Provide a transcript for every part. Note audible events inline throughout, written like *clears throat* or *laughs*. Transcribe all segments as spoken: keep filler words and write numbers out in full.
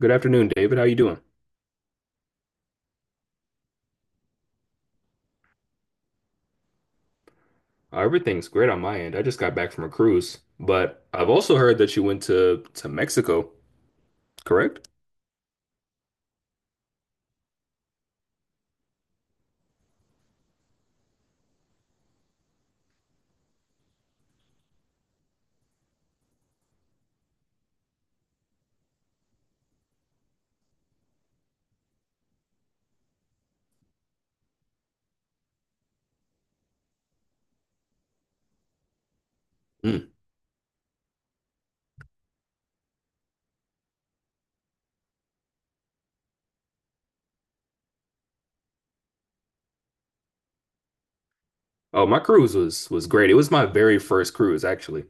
Good afternoon, David. How you doing? Uh, everything's great on my end. I just got back from a cruise, but I've also heard that you went to to Mexico, correct? Mm. Oh, my cruise was was great. It was my very first cruise, actually.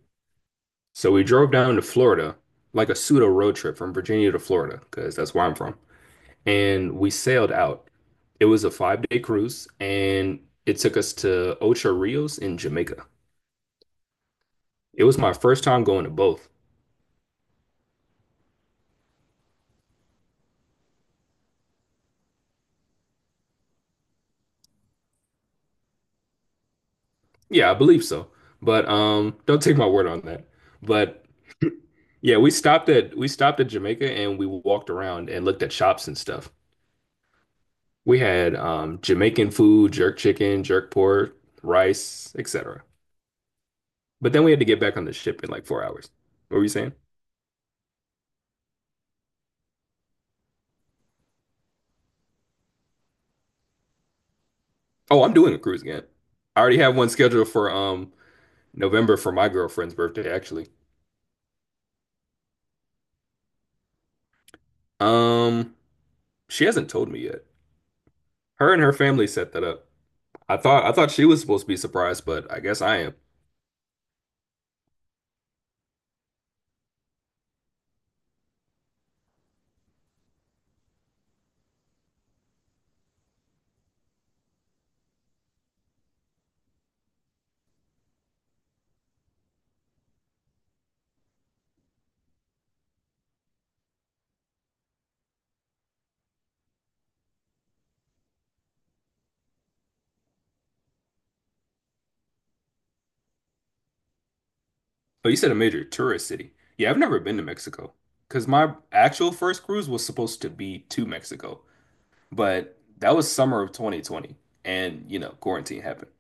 So we drove down to Florida, like a pseudo road trip from Virginia to Florida, because that's where I'm from. And we sailed out. It was a five day cruise, and it took us to Ocho Rios in Jamaica. It was my first time going to both. Yeah, I believe so. But um, don't take my word on that. But yeah, we stopped at we stopped at Jamaica and we walked around and looked at shops and stuff. We had um, Jamaican food, jerk chicken, jerk pork, rice, et cetera. But then we had to get back on the ship in like four hours. What were you saying? Oh, I'm doing a cruise again. I already have one scheduled for um November for my girlfriend's birthday, actually. Um, she hasn't told me yet. Her and her family set that up. I thought I thought she was supposed to be surprised, but I guess I am. Oh, you said a major tourist city. Yeah, I've never been to Mexico because my actual first cruise was supposed to be to Mexico, but that was summer of twenty twenty and, you know, quarantine happened.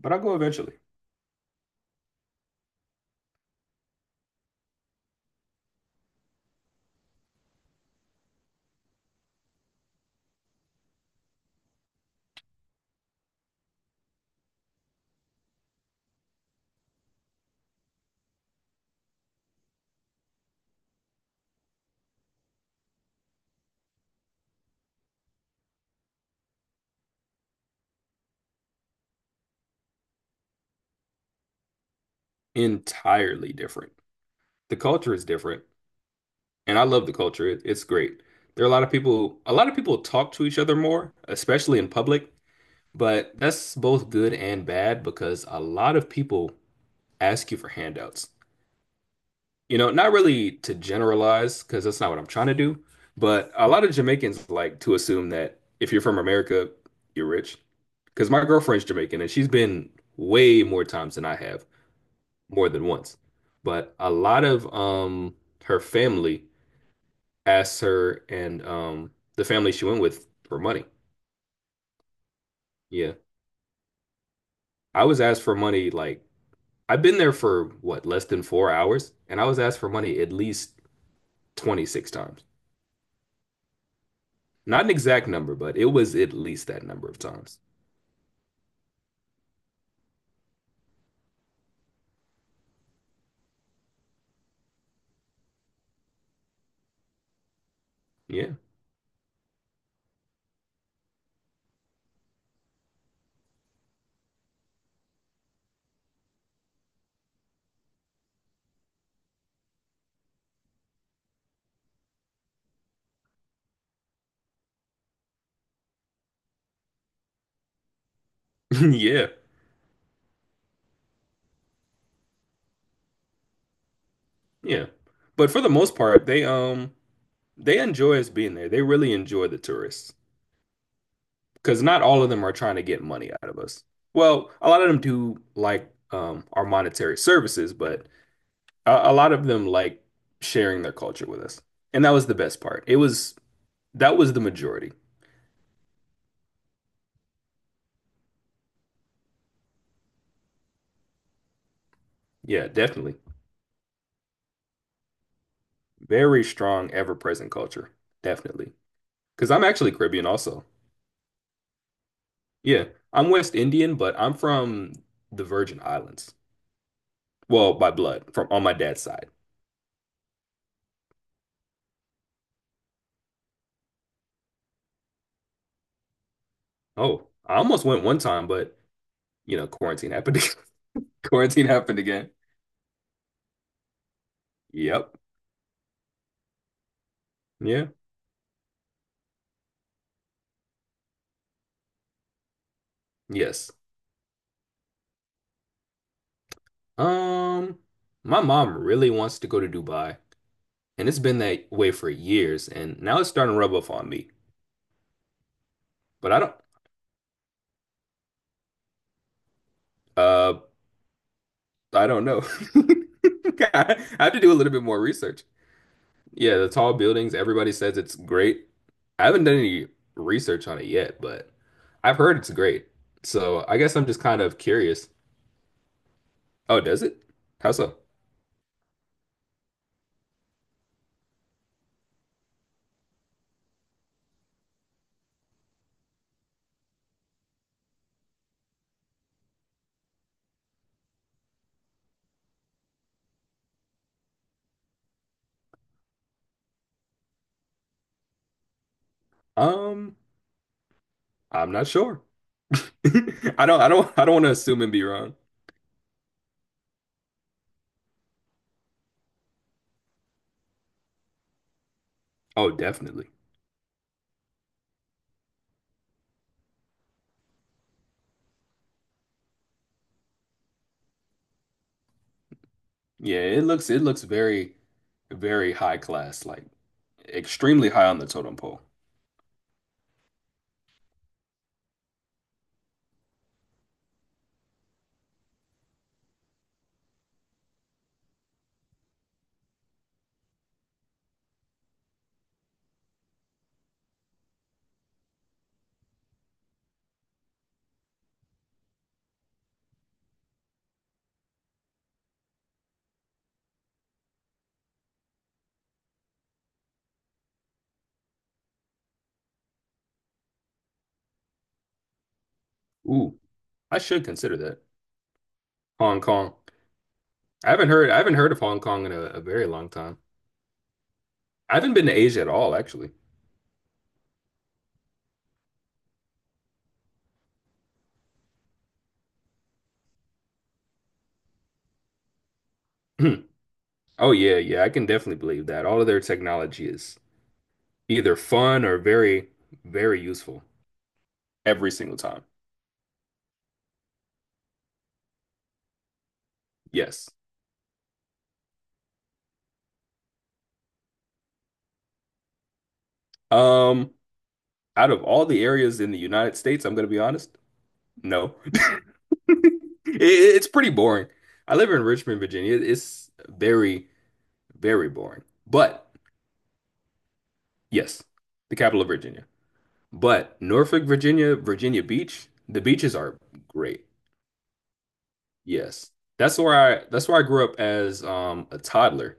But I'll go eventually. Entirely different. The culture is different, and I love the culture. It, it's great. There are a lot of people, a lot of people talk to each other more, especially in public, but that's both good and bad because a lot of people ask you for handouts. You know, not really to generalize, because that's not what I'm trying to do, but a lot of Jamaicans like to assume that if you're from America, you're rich. Because my girlfriend's Jamaican and she's been way more times than I have, more than once. But a lot of um her family asked her and um the family she went with for money. Yeah. I was asked for money like I've been there for what, less than four hours, and I was asked for money at least twenty-six times. Not an exact number, but it was at least that number of times. Yeah. *laughs* Yeah. Yeah. But for the most part, they um they enjoy us being there. They really enjoy the tourists because not all of them are trying to get money out of us. Well, a lot of them do like um our monetary services, but a, a lot of them like sharing their culture with us. And that was the best part. It was That was the majority. Yeah, definitely. Very strong, ever-present culture. Definitely. Because I'm actually Caribbean also. Yeah, I'm West Indian, but I'm from the Virgin Islands. Well, by blood, from on my dad's side. Oh, I almost went one time, but you know, quarantine happened. *laughs* Quarantine happened again. Yep. Yeah. Yes. Um, my mom really wants to go to Dubai, and it's been that way for years, and now it's starting to rub off on me. But I don't, uh, I don't know. *laughs* I have to do a little bit more research. Yeah, the tall buildings, everybody says it's great. I haven't done any research on it yet, but I've heard it's great. So I guess I'm just kind of curious. Oh, does it? How so? Um, I'm not sure. *laughs* I don't I don't I don't want to assume and be wrong. Oh, definitely. Yeah, it looks it looks very, very high class, like extremely high on the totem pole. Ooh, I should consider that. Hong Kong. I haven't heard I haven't heard of Hong Kong in a, a very long time. I haven't been to Asia at all, actually. *clears throat* Oh yeah, yeah, I can definitely believe that. All of their technology is either fun or very, very useful every single time. Yes. Um, Out of all the areas in the United States, I'm gonna be honest, no. *laughs* It, it's pretty boring. I live in Richmond, Virginia. It's very, very boring. But yes, the capital of Virginia. But Norfolk, Virginia, Virginia Beach, the beaches are great. Yes. That's where I that's where I grew up as um a toddler.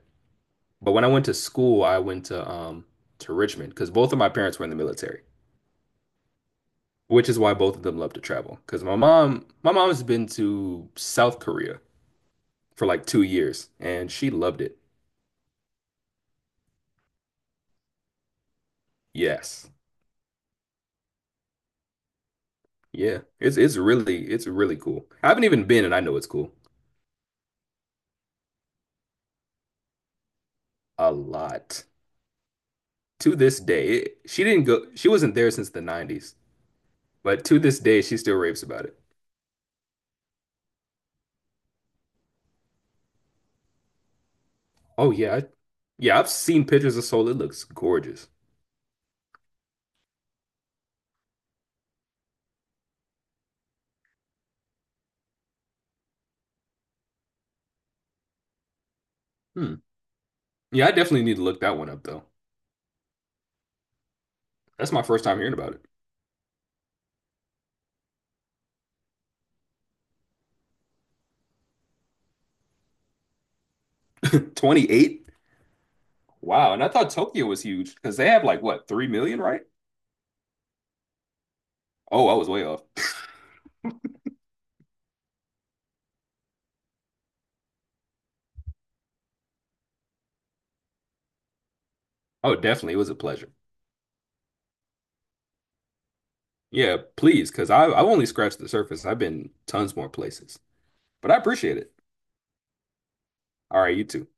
But when I went to school, I went to um to Richmond because both of my parents were in the military, which is why both of them love to travel. Because my mom, my mom's been to South Korea for like two years, and she loved it. Yes, yeah, it's it's really it's really cool. I haven't even been, and I know it's cool a lot to this day. It- she didn't go, she wasn't there since the nineties, but to this day, she still raves about it. Oh yeah, I, yeah, I've seen pictures of Seoul. It looks gorgeous. Hmm. Yeah, I definitely need to look that one up though. That's my first time hearing about it. twenty-eight? Wow. And I thought Tokyo was huge because they have like what, three million, right? Oh, I was way off. Oh, definitely. It was a pleasure. Yeah, please, because I've only scratched the surface. I've been tons more places, but I appreciate it. All right, you too.